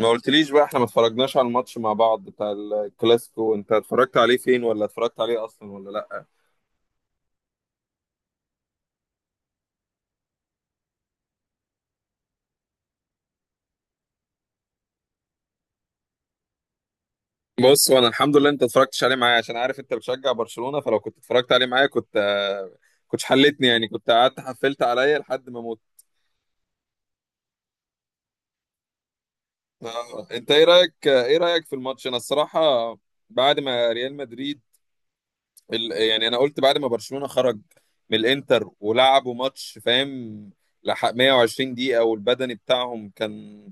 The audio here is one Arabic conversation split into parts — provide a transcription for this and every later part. ما قلتليش بقى، احنا ما اتفرجناش على الماتش مع بعض بتاع الكلاسيكو. انت اتفرجت عليه فين؟ ولا اتفرجت عليه اصلا ولا لا؟ بص، وانا الحمد لله انت اتفرجتش عليه معايا عشان عارف انت بتشجع برشلونة. فلو كنت اتفرجت عليه معايا كنت كنتش حلتني، يعني كنت قعدت حفلت عليا لحد ما موت. انت ايه رايك في الماتش؟ انا الصراحة بعد ما ريال مدريد يعني انا قلت بعد ما برشلونة خرج من الانتر ولعبوا ماتش، فاهم، لحق 120 دقيقة والبدني بتاعهم كان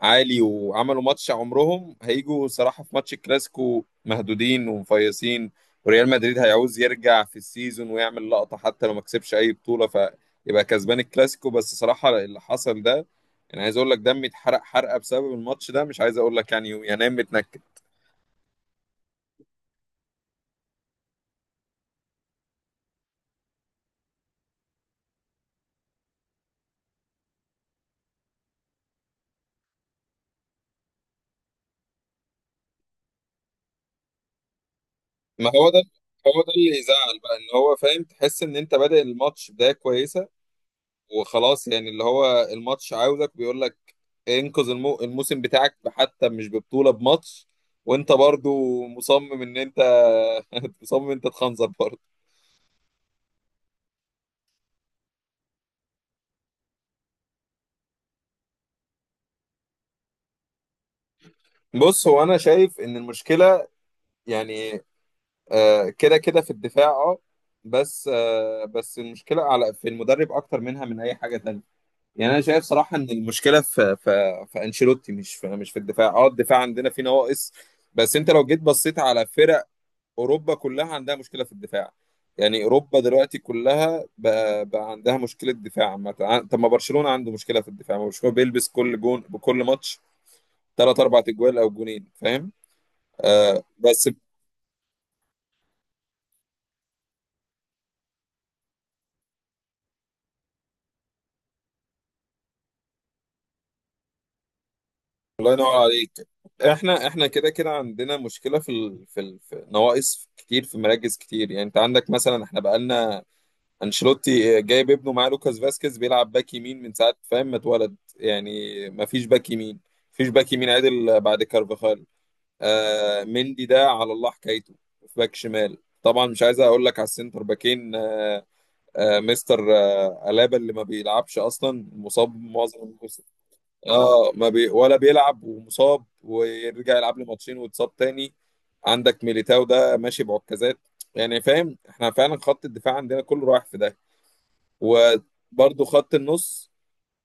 عالي، وعملوا ماتش عمرهم. هيجوا صراحة في ماتش الكلاسيكو مهدودين ومفيصين. وريال مدريد هيعوز يرجع في السيزون ويعمل لقطة، حتى لو ما كسبش اي بطولة فيبقى كسبان الكلاسيكو. بس صراحة اللي حصل ده، انا عايز اقول لك دمي اتحرق حرقة بسبب الماتش ده، مش عايز اقول لك يعني ينام متنكد. ما هو ده، هو ده اللي يزعل بقى. ان هو فاهم، تحس ان انت بادئ الماتش بداية كويسة، وخلاص يعني اللي هو الماتش عاوزك بيقول لك انقذ الموسم بتاعك حتى مش ببطولة، بماتش. وانت برضو مصمم ان انت مصمم انت تخنزر برضو. بص، هو انا شايف ان المشكلة، يعني كده كده في الدفاع، اه. بس المشكلة على في المدرب اكتر منها من اي حاجة تانية. يعني انا شايف صراحه ان المشكله في انشيلوتي، مش في الدفاع. اه، الدفاع عندنا فيه نواقص، بس انت لو جيت بصيت على فرق اوروبا كلها عندها مشكله في الدفاع. يعني اوروبا دلوقتي كلها بقى عندها مشكله دفاع عامة. طب، ما برشلونه عنده مشكله في الدفاع، ما برشلونه بيلبس كل جون بكل ماتش، ثلاث اربع اجوال او جونين، فاهم؟ بس الله ينور عليك. احنا كده كده عندنا مشكله في نواقص كتير في مراكز كتير. يعني انت عندك مثلا، احنا بقالنا انشيلوتي جايب ابنه معاه لوكاس فاسكيز بيلعب باك يمين من ساعه، فاهم، ما اتولد يعني. ما فيش باك يمين، مفيش باك يمين عدل بعد كارفاخال. مندي ده على الله حكايته. في باك شمال طبعا مش عايز اقول لك، على السنتر باكين مستر الابا اللي ما بيلعبش اصلا، مصاب معظم الموسم. اه، ما بي ولا بيلعب ومصاب، ويرجع يلعب له ماتشين ويتصاب تاني. عندك ميليتاو ده ماشي بعكازات. يعني فاهم، احنا فعلا خط الدفاع عندنا كله رايح في ده. وبرضه خط النص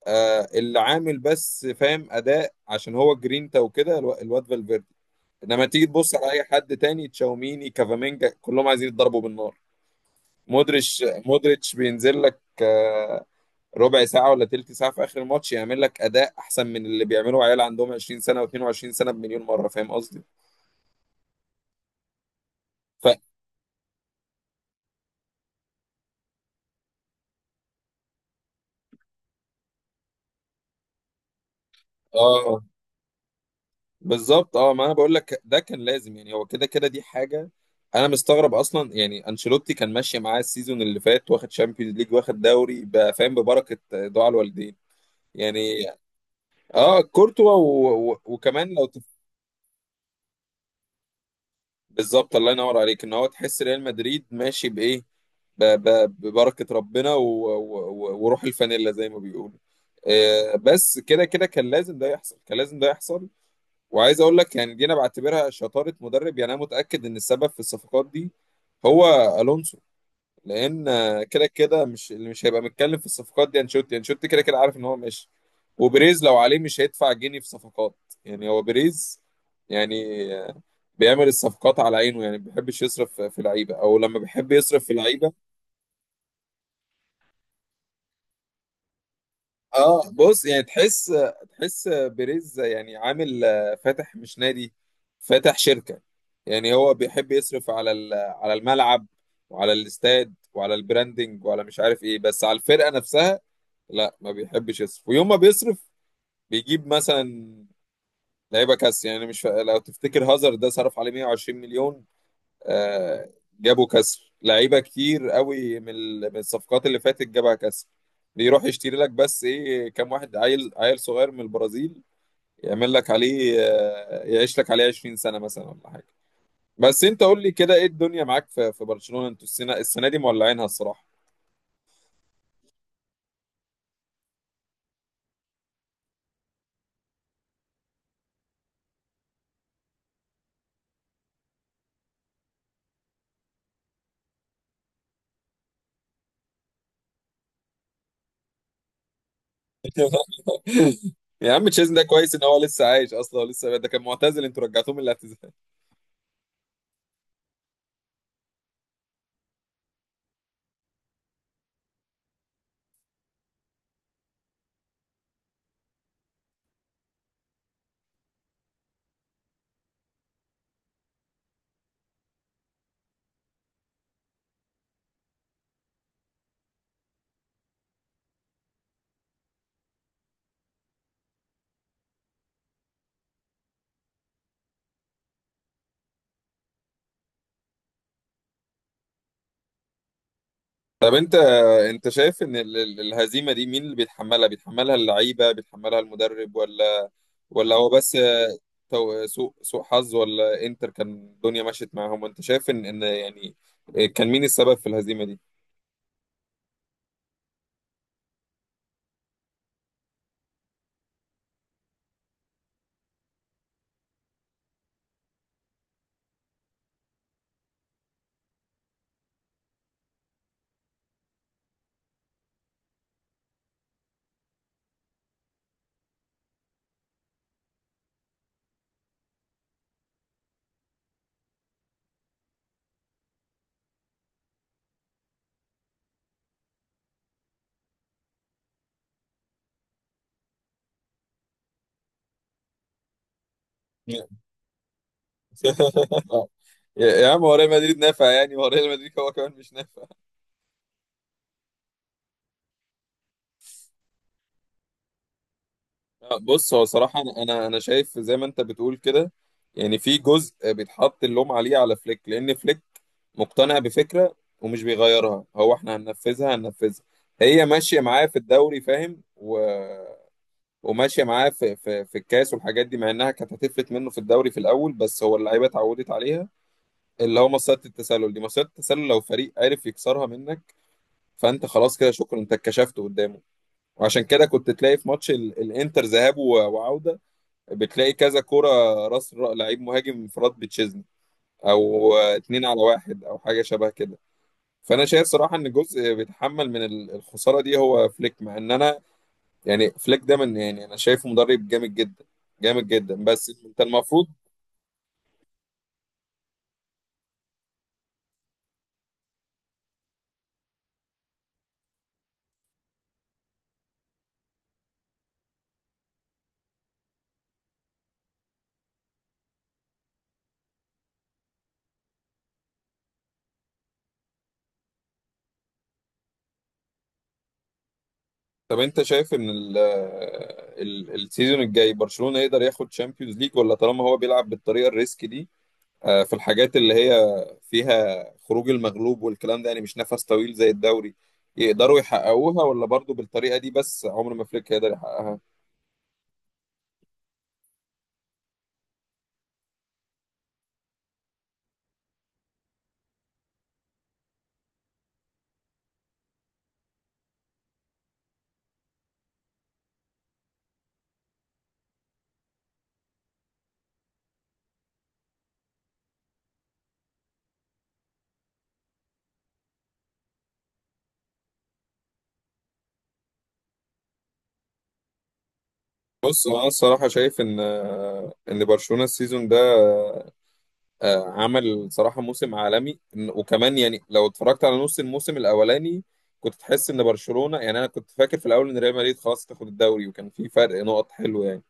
اللي عامل بس فاهم اداء عشان هو جرينتا وكده، الواد فالفيردي. انما تيجي تبص على اي حد تاني، تشاوميني، كافامينجا، كلهم عايزين يتضربوا بالنار. مودريتش، مودريتش بينزل لك ربع ساعة ولا تلت ساعة في آخر الماتش، يعمل لك أداء أحسن من اللي بيعمله عيال عندهم 20 سنة و22 سنة بمليون مرة، فاهم قصدي؟ ف... اه، بالظبط. اه، ما انا بقول لك ده كان لازم، يعني هو كده كده دي حاجه. انا مستغرب اصلا يعني، انشيلوتي كان ماشي معاه السيزون اللي فات، واخد شامبيونز ليج واخد دوري بقى، فاهم، ببركه دعاء الوالدين. يعني اه، كورتوا وكمان بالظبط. الله ينور عليك، ان هو تحس ريال مدريد ماشي بايه، ب... ب... ببركه ربنا وروح الفانيلا زي ما بيقولوا. بس كده كده كان لازم ده يحصل، كان لازم ده يحصل. وعايز اقول لك يعني، دي انا بعتبرها شطاره مدرب. يعني انا متاكد ان السبب في الصفقات دي هو الونسو. لان كده كده مش اللي مش هيبقى متكلم في الصفقات دي انشيلوتي. انشيلوتي كده كده عارف ان هو ماشي، وبريز لو عليه مش هيدفع جنيه في صفقات. يعني هو بريز يعني، آه، بيعمل الصفقات على عينه، يعني ما بيحبش يصرف في لعيبه، او لما بيحب يصرف في لعيبه. اه بص، يعني تحس، تحس بيريز يعني عامل فاتح مش نادي، فاتح شركة. يعني هو بيحب يصرف على على الملعب وعلى الاستاد وعلى البراندنج وعلى مش عارف ايه، بس على الفرقة نفسها لا ما بيحبش يصرف. ويوم ما بيصرف بيجيب مثلا لعيبة كاس، يعني مش فا... لو تفتكر هازارد ده صرف عليه 120 مليون. آه، جابوا كسر لعيبه كتير قوي من الصفقات اللي فاتت جابها كسر. بيروح يشتري لك بس ايه، كام واحد عيل، عيل صغير من البرازيل يعمل لك عليه يعيش لك عليه 20 سنه مثلا ولا حاجه. بس انت قول لي كده، ايه الدنيا معاك في برشلونه، انتوا السنه دي مولعينها الصراحه؟ يا عم، تشيزن ده كويس ان هو لسه عايش اصلا، ولسه ده كان معتزل انتوا رجعتوه من الاعتزال. طب انت، انت شايف ان الهزيمه دي مين اللي بيتحملها؟ بيتحملها اللعيبه، بيتحملها المدرب، ولا هو بس سوء حظ، ولا انتر كان الدنيا مشيت معاهم؟ وانت شايف ان يعني، كان مين السبب في الهزيمة دي؟ يا عم، هو ريال مدريد نافع يعني؟ هو ريال مدريد هو كمان مش نافع. بص، هو صراحة انا انا أنا شايف زي ما انت بتقول كده. يعني في جزء بيتحط اللوم عليه على فليك، لان فليك مقتنع بفكرة ومش بيغيرها. هو احنا هننفذها هننفذها، هي ماشية معاه في الدوري، فاهم. وماشيه معاه في الكاس والحاجات دي، مع انها كانت هتفلت منه في الدوري في الاول، بس هو اللعيبه اتعودت عليها. اللي هو مصيده التسلل دي، مصيده التسلل لو فريق عرف يكسرها منك فانت خلاص كده، شكرا، انت اتكشفت قدامه. وعشان كده كنت تلاقي في ماتش الانتر ذهاب وعوده بتلاقي كذا كوره، راس لعيب مهاجم انفراد بتشيزني، او اتنين على واحد، او حاجه شبه كده. فانا شايف صراحه ان جزء بيتحمل من الخساره دي هو فليك، مع ان انا يعني، فليك ده من يعني انا شايفه مدرب جامد جدا، جامد جدا، بس انت المفروض. طب انت شايف ان ال ال السيزون الجاي برشلونة يقدر ياخد شامبيونز ليج؟ ولا طالما هو بيلعب بالطريقة الريسك دي، في الحاجات اللي هي فيها خروج المغلوب والكلام ده، يعني مش نفس طويل زي الدوري، يقدروا يحققوها، ولا برضو بالطريقة دي بس عمر ما فليك هيقدر يحققها؟ بص، انا الصراحة شايف ان ان برشلونة السيزون ده عمل صراحة موسم عالمي. وكمان يعني لو اتفرجت على نص الموسم الأولاني كنت تحس إن برشلونة يعني، أنا كنت فاكر في الأول إن ريال مدريد خلاص تاخد الدوري، وكان في فرق نقط حلو يعني.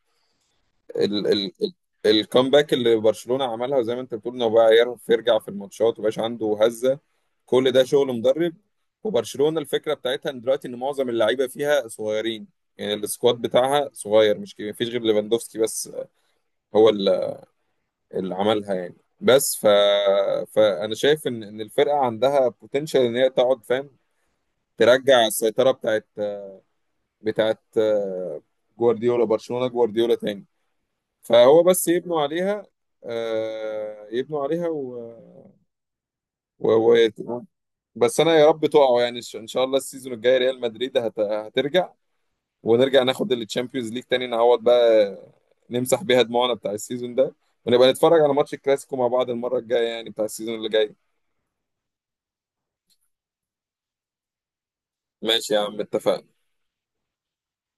ال ال ال الكامباك اللي برشلونة عملها زي ما أنت بتقول، إنه بقى يعرف يرجع في الماتشات ومبقاش عنده هزة، كل ده شغل مدرب. وبرشلونة الفكرة بتاعتها إن دلوقتي إن معظم اللعيبة فيها صغيرين، يعني السكواد بتاعها صغير مش كبير، مفيش غير ليفاندوفسكي بس هو اللي عملها يعني. بس فانا شايف ان الفرقه عندها بوتنشال ان هي تقعد، فاهم، ترجع السيطره بتاعت جوارديولا، برشلونه جوارديولا تاني. فهو بس يبنوا عليها، يبنوا عليها و... و... بس انا يا رب تقعوا يعني، ان شاء الله السيزون الجاي ريال مدريد هترجع، ونرجع ناخد التشامبيونز ليج تاني، نعوض بقى، نمسح بيها دموعنا بتاع السيزون ده، ونبقى نتفرج على ماتش الكلاسيكو مع بعض المره الجايه يعني بتاع السيزون اللي جاي. ماشي يا عم، اتفقنا.